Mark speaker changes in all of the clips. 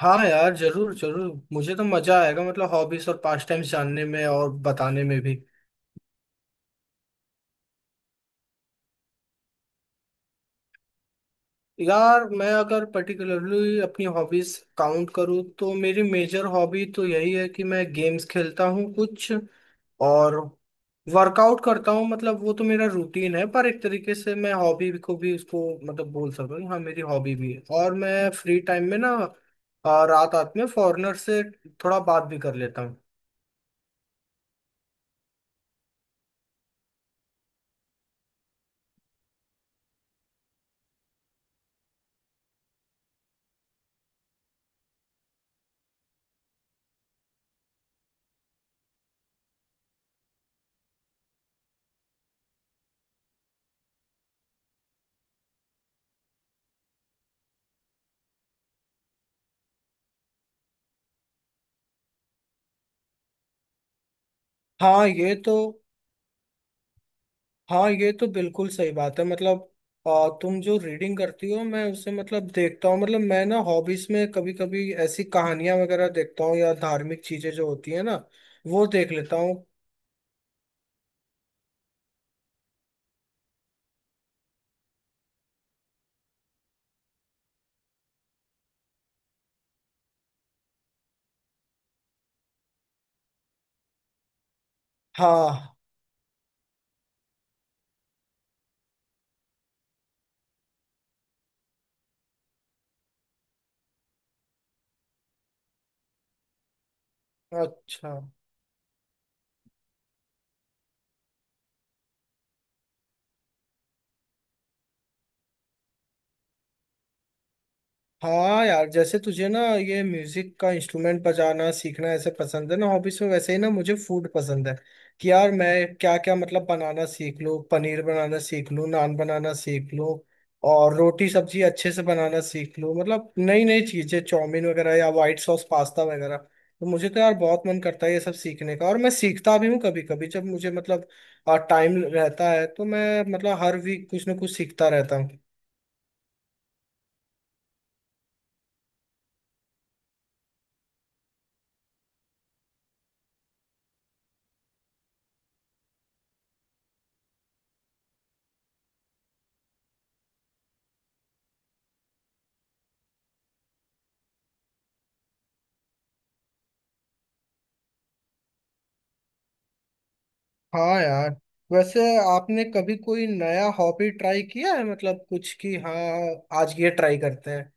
Speaker 1: हाँ यार, जरूर जरूर मुझे तो मजा आएगा। मतलब हॉबीज और पास्ट टाइम्स जानने में और बताने में भी। यार, मैं अगर पर्टिकुलरली अपनी हॉबीज काउंट करूँ तो मेरी मेजर हॉबी तो यही है कि मैं गेम्स खेलता हूँ कुछ और वर्कआउट करता हूँ। मतलब वो तो मेरा रूटीन है पर एक तरीके से मैं हॉबी को भी उसको मतलब बोल सकता हूँ। हाँ, मेरी हॉबी भी है और मैं फ्री टाइम में ना रात रात में फॉरेनर से थोड़ा बात भी कर लेता हूँ। हाँ ये तो, हाँ ये तो बिल्कुल सही बात है। मतलब तुम जो रीडिंग करती हो मैं उसे मतलब देखता हूँ। मतलब मैं ना हॉबीज में कभी कभी ऐसी कहानियां वगैरह देखता हूँ या धार्मिक चीजें जो होती है ना, वो देख लेता हूँ। हाँ। अच्छा। हाँ यार, जैसे तुझे ना ये म्यूजिक का इंस्ट्रूमेंट बजाना सीखना ऐसे पसंद है ना हॉबीज में, वैसे ही ना मुझे फूड पसंद है कि यार मैं क्या क्या मतलब बनाना सीख लूँ, पनीर बनाना सीख लूँ, नान बनाना सीख लूँ और रोटी सब्जी अच्छे से बनाना सीख लूँ। मतलब नई नई चीजें चाउमीन वगैरह या व्हाइट सॉस पास्ता वगैरह, तो मुझे तो यार बहुत मन करता है ये सब सीखने का। और मैं सीखता भी हूँ कभी कभी जब मुझे मतलब टाइम रहता है तो मैं मतलब हर वीक कुछ ना कुछ सीखता रहता हूँ। हाँ यार। वैसे आपने कभी कोई नया हॉबी ट्राई किया है मतलब कुछ, कि हाँ आज ये ट्राई करते हैं।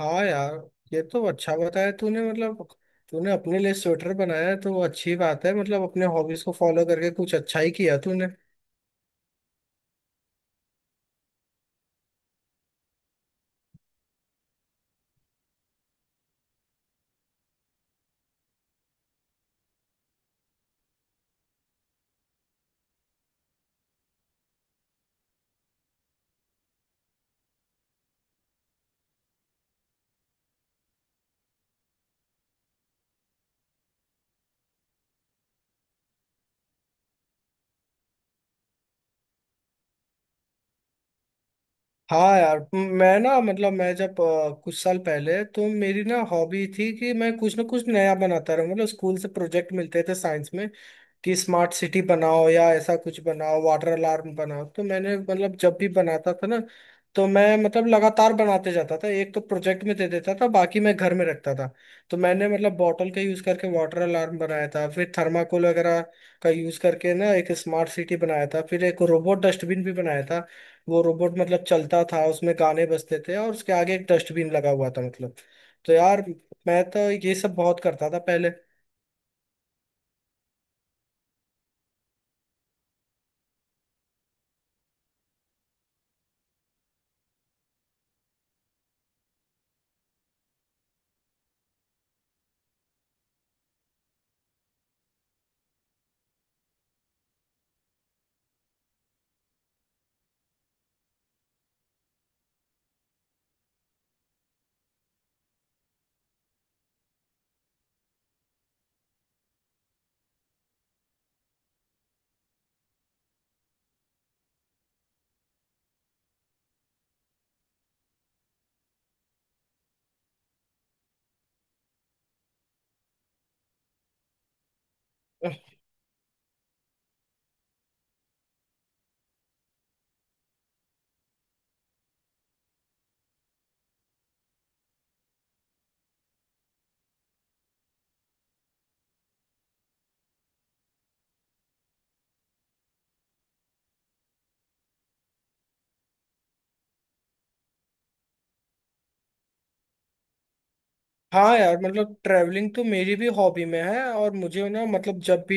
Speaker 1: हाँ यार, ये तो अच्छा बताया तूने। मतलब तूने अपने लिए स्वेटर बनाया है तो वो अच्छी बात है। मतलब अपने हॉबीज को फॉलो करके कुछ अच्छा ही किया तूने। हाँ यार, मैं ना मतलब मैं जब कुछ साल पहले तो मेरी ना हॉबी थी कि मैं कुछ ना कुछ नया बनाता रहूँ। मतलब स्कूल से प्रोजेक्ट मिलते थे साइंस में कि स्मार्ट सिटी बनाओ या ऐसा कुछ बनाओ, वाटर अलार्म बनाओ, तो मैंने मतलब जब भी बनाता था ना, तो मैं मतलब लगातार बनाते जाता था। एक तो प्रोजेक्ट में दे देता था, बाकी मैं घर में रखता था। तो मैंने मतलब बॉटल का यूज करके वाटर अलार्म बनाया था, फिर थर्माकोल वगैरह का यूज करके ना एक स्मार्ट सिटी बनाया था, फिर एक रोबोट डस्टबिन भी बनाया था। वो रोबोट मतलब चलता था, उसमें गाने बजते थे और उसके आगे एक डस्टबिन लगा हुआ था मतलब। तो यार, मैं तो ये सब बहुत करता था पहले। हाँ यार, मतलब ट्रैवलिंग तो मेरी भी हॉबी में है। और मुझे ना मतलब जब भी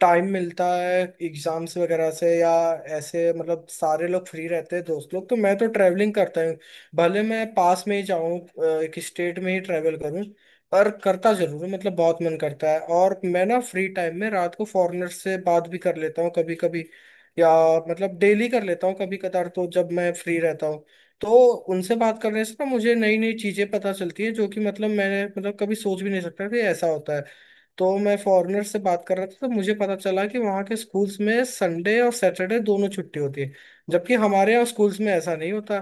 Speaker 1: टाइम मिलता है एग्जाम्स वगैरह से, या ऐसे मतलब सारे लोग फ्री रहते हैं दोस्त लोग, तो मैं तो ट्रैवलिंग करता हूँ। भले मैं पास में ही जाऊँ, एक स्टेट में ही ट्रैवल करूँ, पर करता जरूर हूँ। मतलब बहुत मन करता है। और मैं ना फ्री टाइम में रात को फॉरेनर से बात भी कर लेता हूँ कभी कभी, या मतलब डेली कर लेता हूँ कभी कदार, तो जब मैं फ्री रहता हूँ तो उनसे बात करने से ना मुझे नई नई चीजें पता चलती है, जो कि मतलब मैंने मतलब कभी सोच भी नहीं सकता कि ऐसा होता है। तो मैं फॉरेनर से बात कर रहा था तो मुझे पता चला कि वहाँ के स्कूल्स में संडे और सैटरडे दोनों छुट्टी होती है, जबकि हमारे यहाँ स्कूल्स में ऐसा नहीं होता।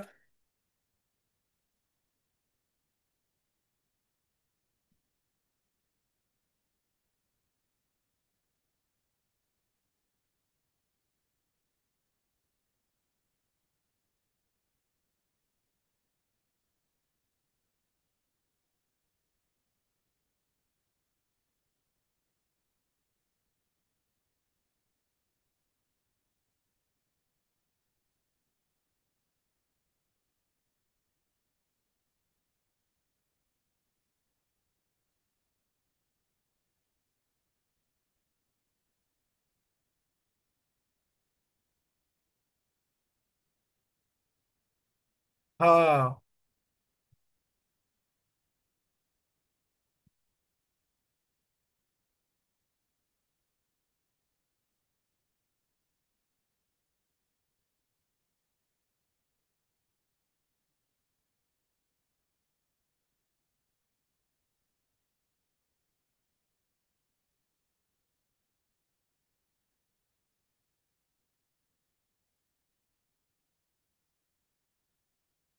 Speaker 1: हाँ।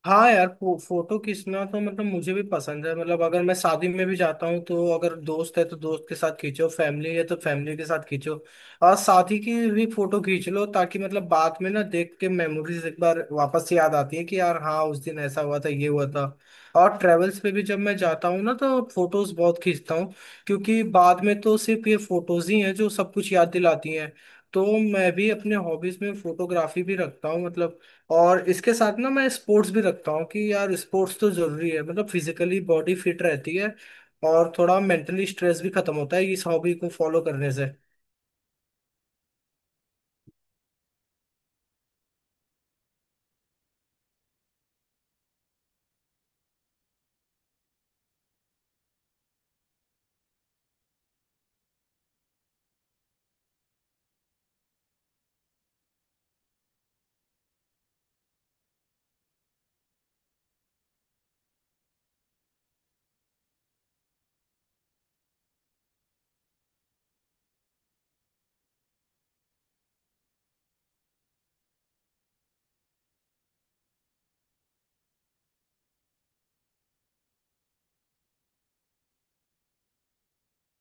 Speaker 1: हाँ यार, फोटो खींचना तो मतलब मुझे भी पसंद है। मतलब अगर मैं शादी में भी जाता हूँ तो अगर दोस्त है तो दोस्त के साथ खींचो, फैमिली है तो फैमिली के साथ खींचो और शादी की भी फोटो खींच लो, ताकि मतलब बाद में ना देख के मेमोरीज एक बार वापस से याद आती है कि यार हाँ, उस दिन ऐसा हुआ था, ये हुआ था। और ट्रेवल्स पे भी जब मैं जाता हूँ ना, तो फोटोज बहुत खींचता हूँ क्योंकि बाद में तो सिर्फ ये फोटोज ही हैं जो सब कुछ याद दिलाती हैं। तो मैं भी अपने हॉबीज में फोटोग्राफी भी रखता हूँ मतलब। और इसके साथ ना मैं स्पोर्ट्स भी रखता हूँ कि यार स्पोर्ट्स तो जरूरी है। मतलब फिजिकली बॉडी फिट रहती है और थोड़ा मेंटली स्ट्रेस भी खत्म होता है इस हॉबी को फॉलो करने से।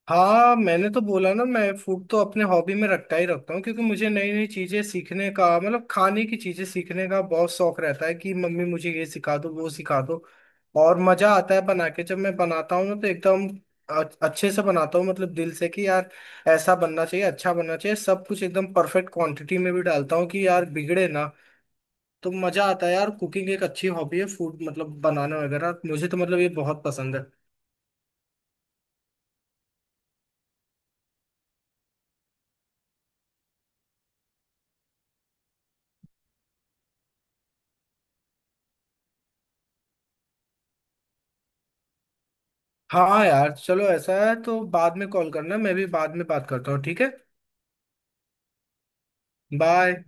Speaker 1: हाँ, मैंने तो बोला ना मैं फूड तो अपने हॉबी में रखता ही रखता हूँ, क्योंकि मुझे नई नई चीजें सीखने का मतलब खाने की चीजें सीखने का बहुत शौक रहता है कि मम्मी मुझे ये सिखा दो, वो सिखा दो। और मजा आता है बना के। जब मैं बनाता हूँ ना तो एकदम अ- अच्छे से बनाता हूँ मतलब दिल से, कि यार ऐसा बनना चाहिए, अच्छा बनना चाहिए, सब कुछ एकदम परफेक्ट क्वांटिटी में भी डालता हूँ कि यार बिगड़े ना। तो मजा आता है यार, कुकिंग एक अच्छी हॉबी है। फूड मतलब बनाना वगैरह मुझे तो मतलब ये बहुत पसंद है। हाँ यार चलो, ऐसा है तो बाद में कॉल करना, मैं भी बाद में बात करता हूँ। ठीक है, बाय।